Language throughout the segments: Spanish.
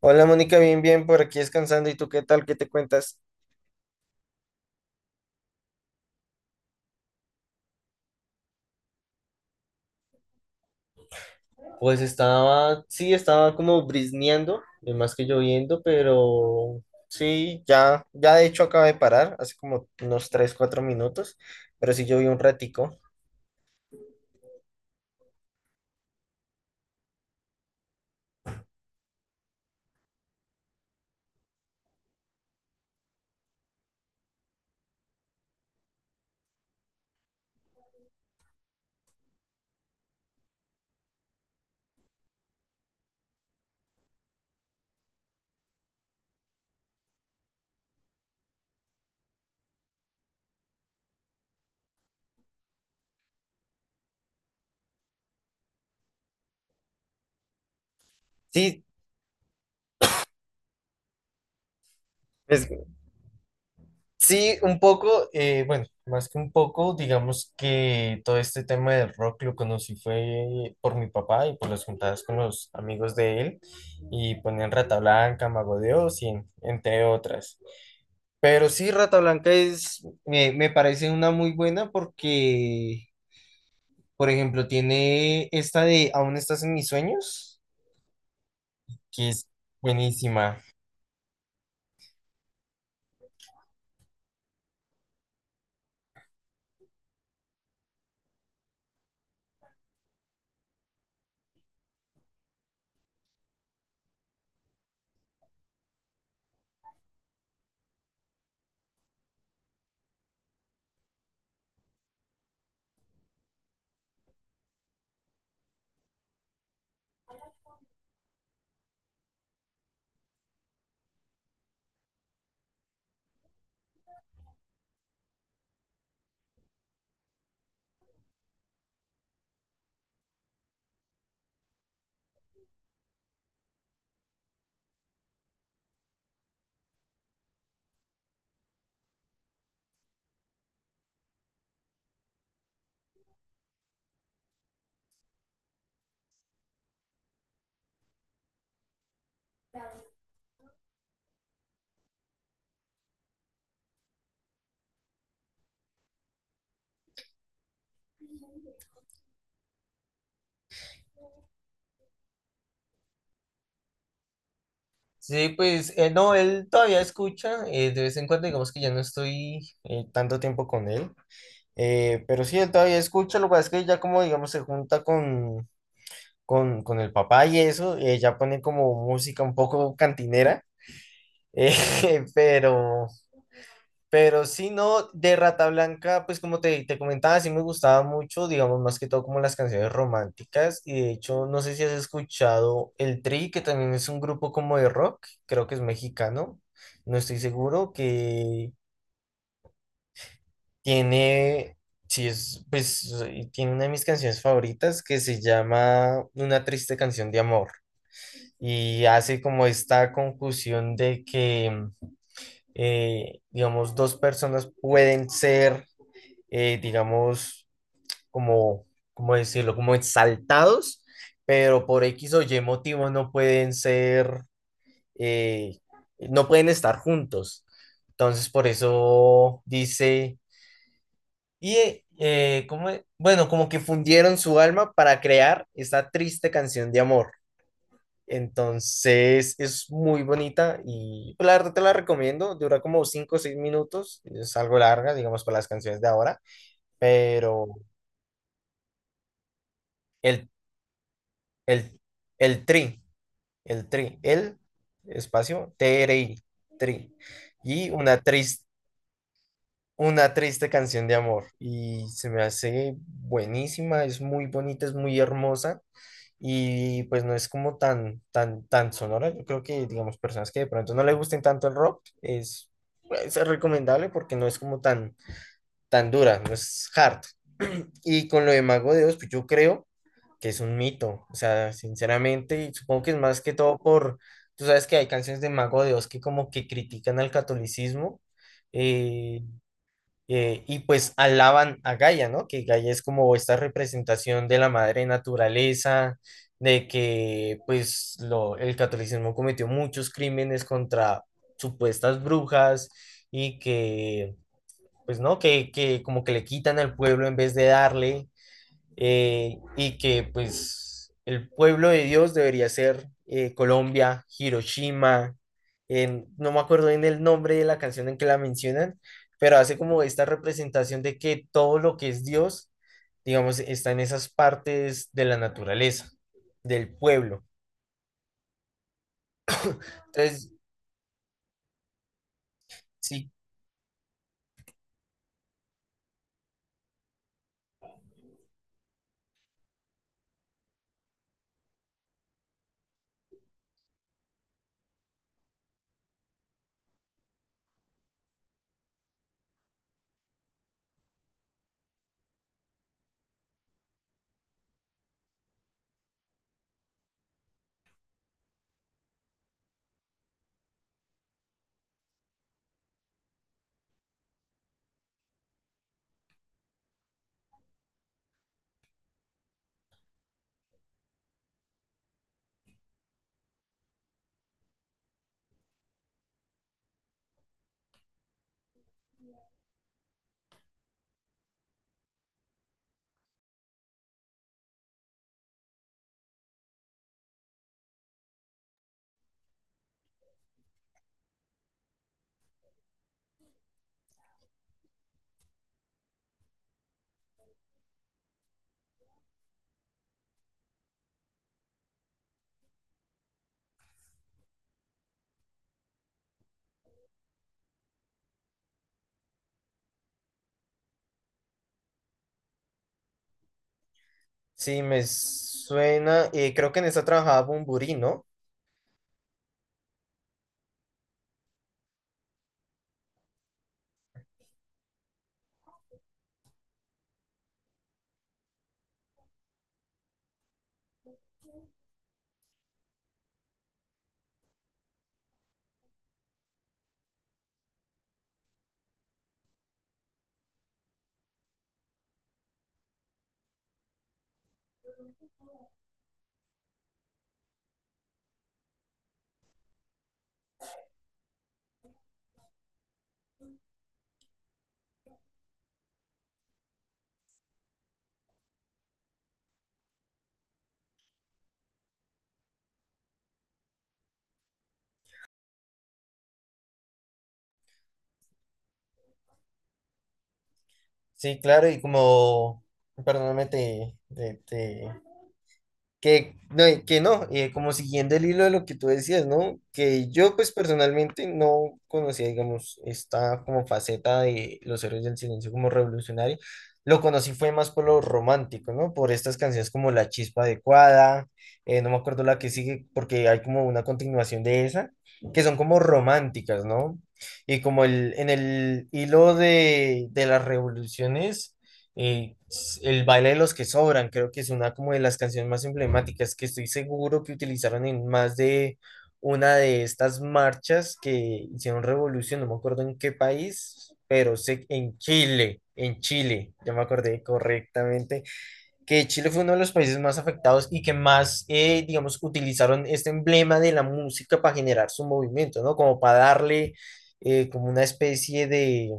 Hola Mónica, bien, bien, por aquí descansando. ¿Y tú qué tal? ¿Qué te cuentas? Pues estaba, sí, estaba como brisneando, más que lloviendo, pero sí, ya, ya de hecho acabo de parar hace como unos 3 4 minutos, pero sí llovió un ratico. Sí, pues, sí, un poco, bueno, más que un poco, digamos que todo este tema del rock lo conocí fue por mi papá y por las juntadas con los amigos de él, y ponían Rata Blanca, Mago de Oz, y entre otras. Pero sí, Rata Blanca es, me parece una muy buena porque, por ejemplo, tiene esta de Aún estás en mis sueños, que es buenísima. Sí, pues no, él todavía escucha, de vez en cuando, digamos que ya no estoy tanto tiempo con él, pero sí, él todavía escucha. Lo que pasa es que ya, como digamos, se junta con el papá y eso, ya pone como música un poco cantinera, pero... Pero si no, de Rata Blanca, pues como te comentaba, sí me gustaba mucho, digamos, más que todo como las canciones románticas. Y de hecho, no sé si has escuchado El Tri, que también es un grupo como de rock, creo que es mexicano, no estoy seguro, que tiene, sí es, pues, y tiene una de mis canciones favoritas que se llama Una triste canción de amor. Y hace como esta conjunción de que, digamos, dos personas pueden ser eh, digamos, como, ¿cómo decirlo? Como exaltados, pero por X o Y motivos no pueden ser, eh, no pueden estar juntos. Entonces, por eso dice, y ¿cómo es? Bueno, como que fundieron su alma para crear esta triste canción de amor. Entonces es muy bonita y, pues, la verdad, te la recomiendo. Dura como 5 o 6 minutos, es algo larga, digamos, para las canciones de ahora, pero el El, el tri, el espacio TRI, tri. Y una triste canción de amor. Y se me hace buenísima, es muy bonita, es muy hermosa. Y pues no es como tan, tan, tan sonora. Yo creo que, digamos, personas que de pronto no le gusten tanto el rock, es, pues, es recomendable porque no es como tan, tan dura, no es hard. Y con lo de Mago de Oz, pues yo creo que es un mito, o sea, sinceramente, y supongo que es más que todo por, tú sabes que hay canciones de Mago de Oz que como que critican al catolicismo eh, y pues alaban a Gaia, ¿no? Que Gaia es como esta representación de la madre naturaleza, de que pues lo, el catolicismo cometió muchos crímenes contra supuestas brujas y que, pues no, que como que le quitan al pueblo en vez de darle, y que pues el pueblo de Dios debería ser Colombia, Hiroshima, no me acuerdo bien el nombre de la canción en que la mencionan, pero hace como esta representación de que todo lo que es Dios, digamos, está en esas partes de la naturaleza, del pueblo. Entonces, sí, sí, me suena, creo que en esta trabajaba Bumburi, ¿no? Sí, claro, y como, perdóname, te... Que no, y que no, como siguiendo el hilo de lo que tú decías, ¿no? Que yo, pues, personalmente, no conocía, digamos, esta como faceta de los héroes del silencio como revolucionario. Lo conocí fue más por lo romántico, ¿no? Por estas canciones como La Chispa Adecuada, no me acuerdo la que sigue porque hay como una continuación de esa, que son como románticas, ¿no? Y como el, en el hilo de las revoluciones, el baile de los que sobran, creo que es una como de las canciones más emblemáticas, que estoy seguro que utilizaron en más de una de estas marchas que hicieron revolución. No me acuerdo en qué país, pero sé en Chile, ya me acordé correctamente, que Chile fue uno de los países más afectados y que más, digamos, utilizaron este emblema de la música para generar su movimiento, ¿no? Como para darle como una especie de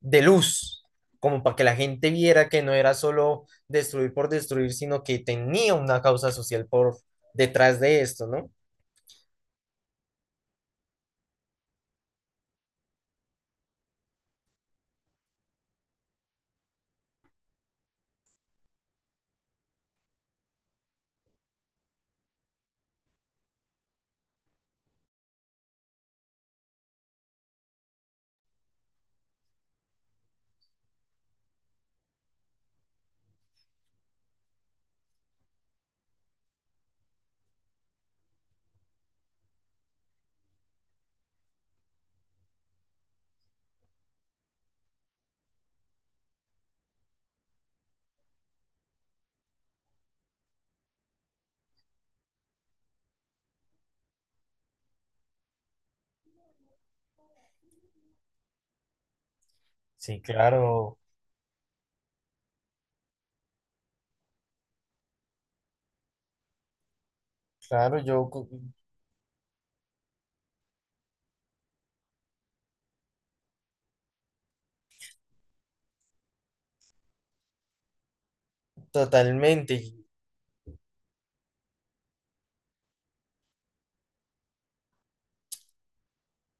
luz, como para que la gente viera que no era solo destruir por destruir, sino que tenía una causa social por detrás de esto, ¿no? Sí, claro, claro, yo, cu-. Totalmente.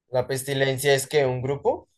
La pestilencia es que un grupo.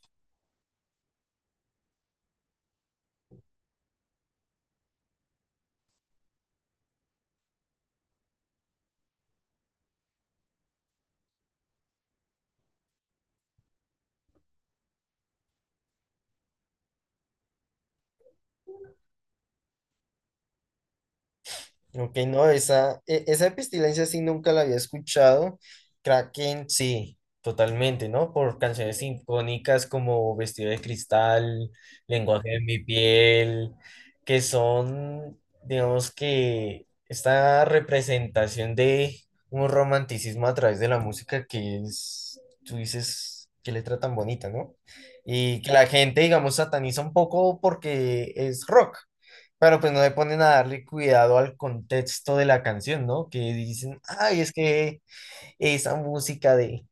Ok, no, esa, esa pestilencia sí nunca la había escuchado. Kraken, sí, totalmente, ¿no? Por canciones icónicas como Vestido de Cristal, Lenguaje de mi piel, que son, digamos que, esta representación de un romanticismo a través de la música que es, tú dices, qué letra tan bonita, ¿no? Y que la gente, digamos, sataniza un poco porque es rock. Pero pues no le ponen a darle cuidado al contexto de la canción, ¿no? Que dicen, ay, es que esa música de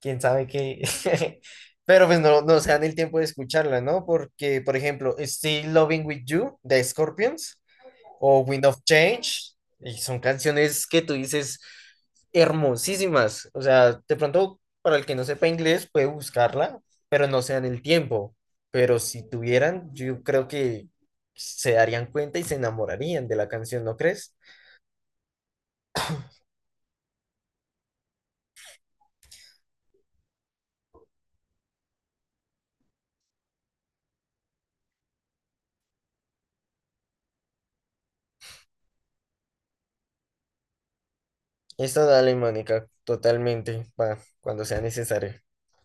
quién sabe qué. Pero pues no, no se dan el tiempo de escucharla, ¿no? Porque, por ejemplo, Still Loving With You de Scorpions o Wind of Change, y son canciones que tú dices hermosísimas. O sea, de pronto, para el que no sepa inglés, puede buscarla, pero no se dan el tiempo. Pero si tuvieran, yo creo que se darían cuenta y se enamorarían de la canción, ¿no crees? Esto dale, Mónica, totalmente, va, cuando sea necesario.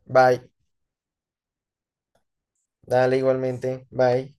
Bye, dale igualmente, bye.